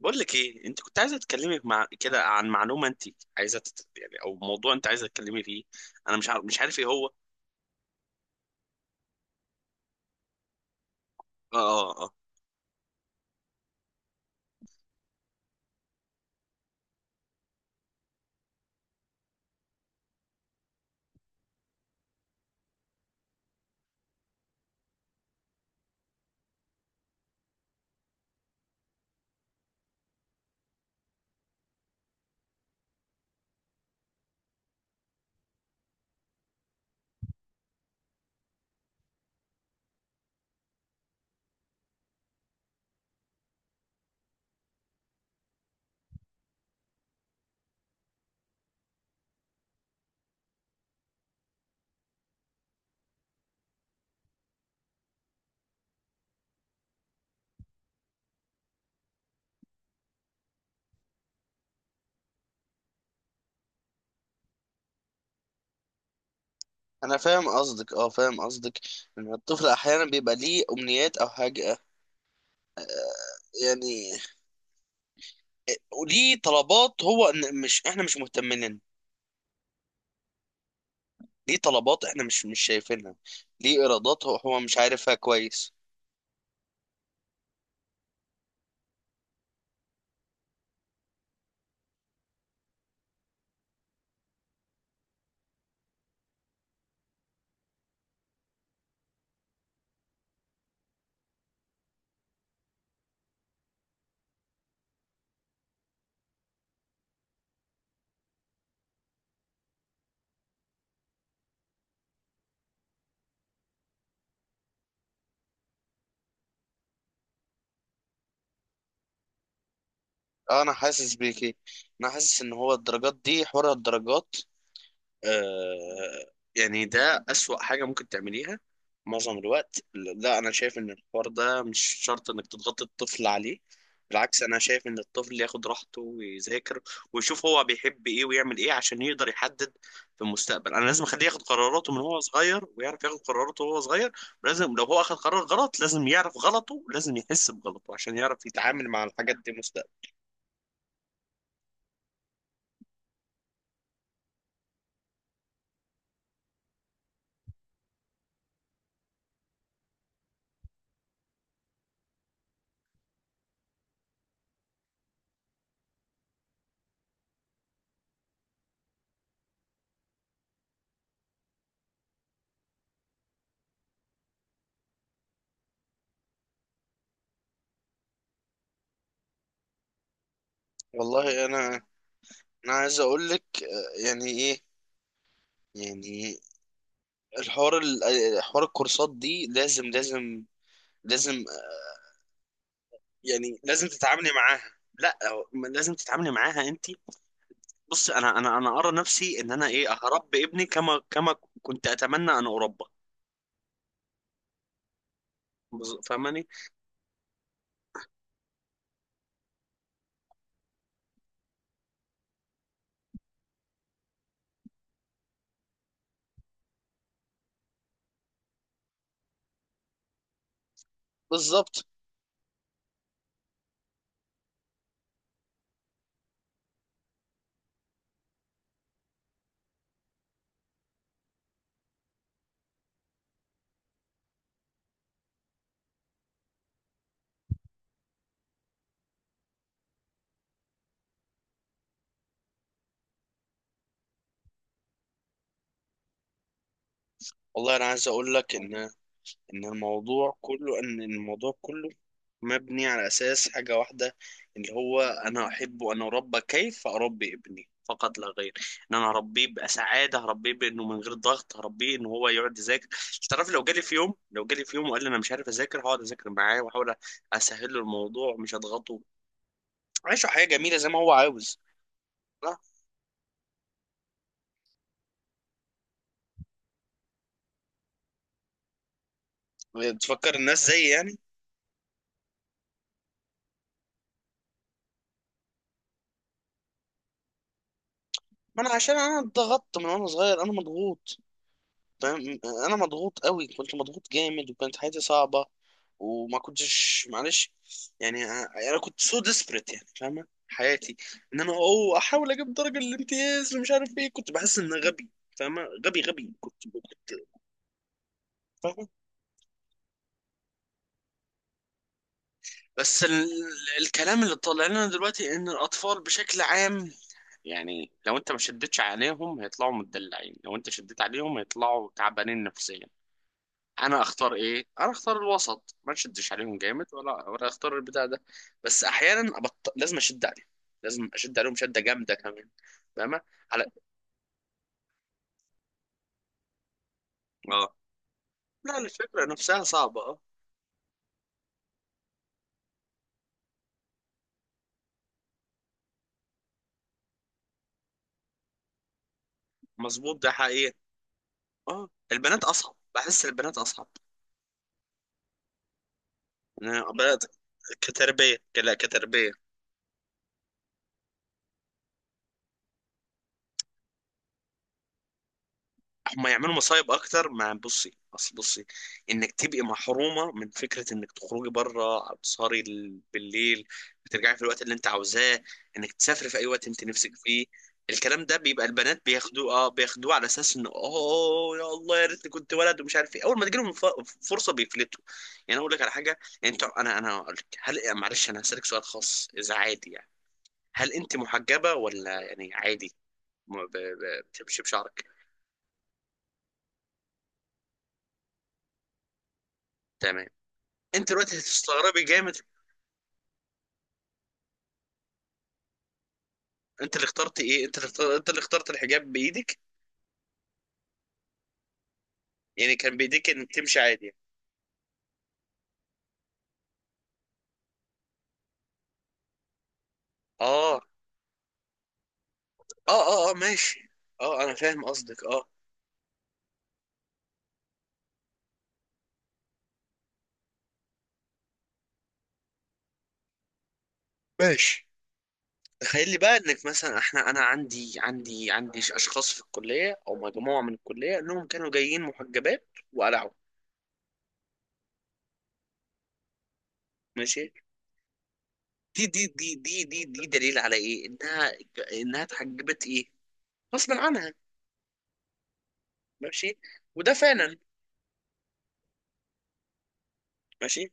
بقول لك ايه، انت كنت عايزه تتكلمي مع كده عن معلومه، انت عايزه يعني او موضوع انت عايزه تتكلمي فيه. انا مش عارف ايه هو. اه، اه، اه. انا فاهم قصدك، اه، فاهم قصدك. ان الطفل احيانا بيبقى ليه امنيات او حاجه، يعني، وليه طلبات هو، إن مش احنا مش مهتمين لنا. ليه طلبات احنا مش شايفينها، ليه ارادات هو مش عارفها كويس. آه، انا حاسس بيكي. انا حاسس ان هو الدرجات دي حوار الدرجات آه يعني ده أسوأ حاجة ممكن تعمليها معظم الوقت. لا، أنا شايف إن الحوار ده مش شرط إنك تضغط الطفل عليه. بالعكس، أنا شايف إن الطفل ياخد راحته ويذاكر، ويشوف هو بيحب إيه ويعمل إيه عشان يقدر يحدد في المستقبل. أنا لازم أخليه ياخد قراراته من هو صغير، ويعرف ياخد قراراته وهو صغير. لازم لو هو أخد قرار غلط، لازم يعرف غلطه، لازم يحس بغلطه عشان يعرف يتعامل مع الحاجات دي مستقبلا. والله، أنا عايز أقول لك يعني إيه، يعني حوار الكورسات دي لازم، لازم، لازم. يعني لازم تتعاملي معاها. لا، ما لازم تتعاملي معاها انت. بص، انا ارى نفسي ان انا ايه هربي ابني كما كنت اتمنى ان اربى. فاهماني؟ بالظبط. والله، انا عايز اقول لك ان الموضوع كله مبني على اساس حاجه واحده، اللي هو انا احبه، انا اربى كيف اربي ابني فقط لا غير. ان انا اربيه بسعاده، هربيه بانه من غير ضغط، هربيه ان هو يقعد يذاكر. تعرف، لو جالي في يوم وقال لي انا مش عارف اذاكر، هقعد اذاكر معاه واحاول اسهل له الموضوع، مش اضغطه. عيشه حياه جميله زي ما هو عاوز. لا تفكر الناس زي، يعني، ما انا عشان انا اتضغطت من وانا صغير، انا مضغوط. فاهم؟ انا مضغوط قوي، كنت مضغوط جامد وكانت حياتي صعبه، وما كنتش، معلش، يعني انا كنت سو ديسبريت، يعني فاهمه حياتي. ان انا احاول اجيب درجه الامتياز ومش عارف ايه، كنت بحس ان غبي. فاهمه؟ غبي، غبي كنت. فاهمه؟ بس ال... الكلام اللي طالع لنا دلوقتي ان الاطفال بشكل عام، يعني لو انت ما شدتش عليهم هيطلعوا متدلعين، لو انت شديت عليهم هيطلعوا تعبانين نفسيا. انا اختار ايه؟ انا اختار الوسط، ما نشدش عليهم جامد ولا اختار البتاع ده. بس احيانا لازم اشد عليهم، لازم اشد عليهم شده جامده كمان. فاهمه؟ على، اه. لا الفكره نفسها صعبه، اه. مظبوط، ده حقيقي. اه، البنات اصعب، بحس البنات اصعب. انا بدات كتربيه، لا، كتربيه. هم يعملوا مصايب اكتر. مع بصي، اصل بصي، انك تبقي محرومه من فكره انك تخرجي بره، تسهري بالليل، بترجعي في الوقت اللي انت عاوزاه، انك تسافري في اي وقت انت نفسك فيه. الكلام ده بيبقى البنات بياخدوه على اساس انه اوه يا الله يا ريتني كنت ولد ومش عارف ايه. اول ما تجيلهم فرصه بيفلتوا. يعني أنا اقول لك على حاجه. انت انا انا هقول لك، هل، معلش، انا هسالك سؤال خاص اذا عادي، يعني. هل انت محجبه ولا، يعني، عادي؟ ما بتمشي بشعرك. تمام. انت دلوقتي هتستغربي جامد. انت اللي اخترت ايه؟ انت اللي اخترت، انت اللي اخترت الحجاب بايدك؟ يعني كان بايديك ان تمشي عادي. اه، اه، اه، اه، ماشي. اه، انا فاهم قصدك، اه، ماشي. تخيل لي بقى، انك مثلا احنا، انا عندي اشخاص في الكليه، او مجموعه من الكليه، انهم كانوا جايين محجبات وقلعوا. ماشي. دي دليل على ايه، انها، انها اتحجبت ايه، غصب عنها. ماشي، وده فعلا. ماشي.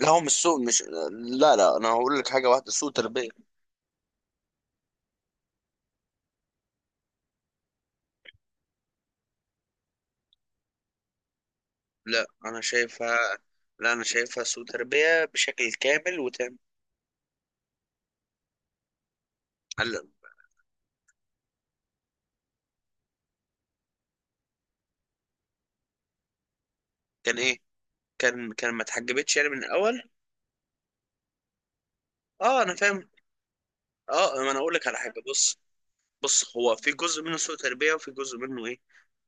لا هو مش سوء مش لا، لا، انا هقول لك حاجه واحده، سوء تربيه. لا انا شايفها، لا انا شايفها سوء تربيه بشكل كامل وتام. هلا. كان ايه؟ كان ما اتحجبتش، يعني، من الاول. اه، انا فاهم. اه، ما انا اقول لك على حاجه، بص. بص، هو في جزء منه سوء تربيه، وفي جزء منه ايه،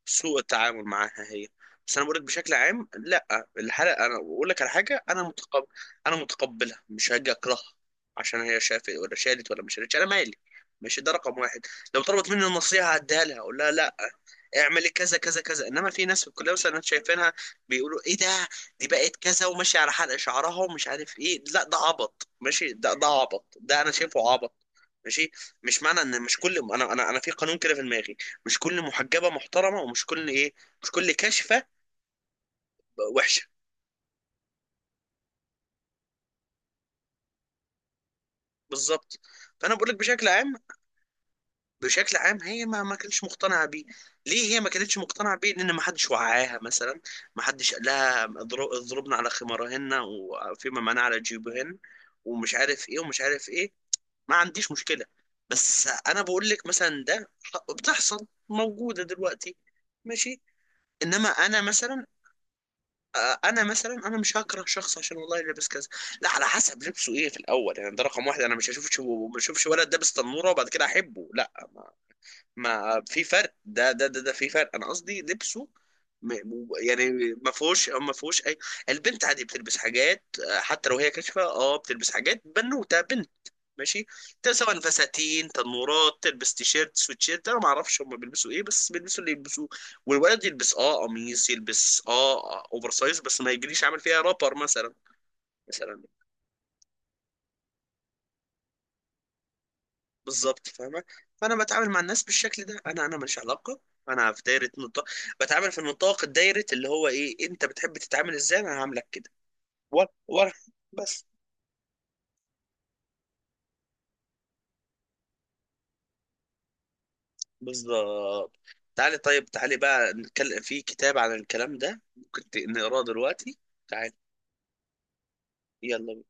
سوء التعامل معاها هي. بس انا بقول لك بشكل عام، لا الحلقه انا بقول لك على حاجه، انا متقبل، انا متقبلها، مش هاجي اكرهها عشان هي شافت ولا شالت ولا مش شالت، انا مالي. ماشي، ده رقم واحد. لو طلبت مني النصيحه هديها لها، اقول لها لا، اعملي كذا كذا كذا. انما في ناس في الكليه مثلا أنا شايفينها بيقولوا ايه ده، دي بقت كذا وماشيه على حلق شعرها ومش عارف ايه. لا ده عبط، ماشي، ده عبط، ده انا شايفه عبط. ماشي. مش معنى ان مش كل، انا في قانون كده في دماغي، مش كل محجبه محترمه، ومش كل ايه، مش كل كاشفه وحشه. بالظبط. فانا بقول لك بشكل عام، بشكل عام هي ما كانتش مقتنعه بيه. ليه هي ما كانتش مقتنعه بيه؟ لان ما حدش وعاها، مثلا ما حدش قال لها اضربنا على خمارهن، وفيما معناه على جيوبهن، ومش عارف ايه، ومش عارف ايه. ما عنديش مشكله. بس انا بقول لك مثلا ده بتحصل، موجوده دلوقتي. ماشي. انما انا مثلا، انا مثلا انا مش هكره شخص عشان، والله، لابس كذا. لا، على حسب لبسه ايه في الاول، يعني ده رقم واحد. انا مش هشوفش ولد لابس تنوره وبعد كده احبه، لا. ما في فرق، ده في فرق، انا قصدي لبسه. يعني ما فيهوش اي. البنت عادي بتلبس حاجات، حتى لو هي كاشفه بتلبس حاجات بنوته، بنت. ماشي. سواء فساتين، تنورات، تلبس تيشيرت، سويتشيرت، انا ما اعرفش هم بيلبسوا ايه، بس بيلبسوا اللي يلبسوه. والولد يلبس قميص، يلبس اوفر سايز، بس ما يجريش عامل فيها رابر مثلا. مثلا. بالظبط، فاهمه. فانا بتعامل مع الناس بالشكل ده، انا ماليش علاقه. انا في دايره، نطاق، بتعامل في النطاق، الدايره، اللي هو ايه، انت بتحب تتعامل ازاي انا هعاملك كده. ورا، ورا، بس. بالظبط. تعالي طيب، تعالي بقى نتكلم في كتاب عن الكلام ده. ممكن نقراه دلوقتي. تعالي، يلا.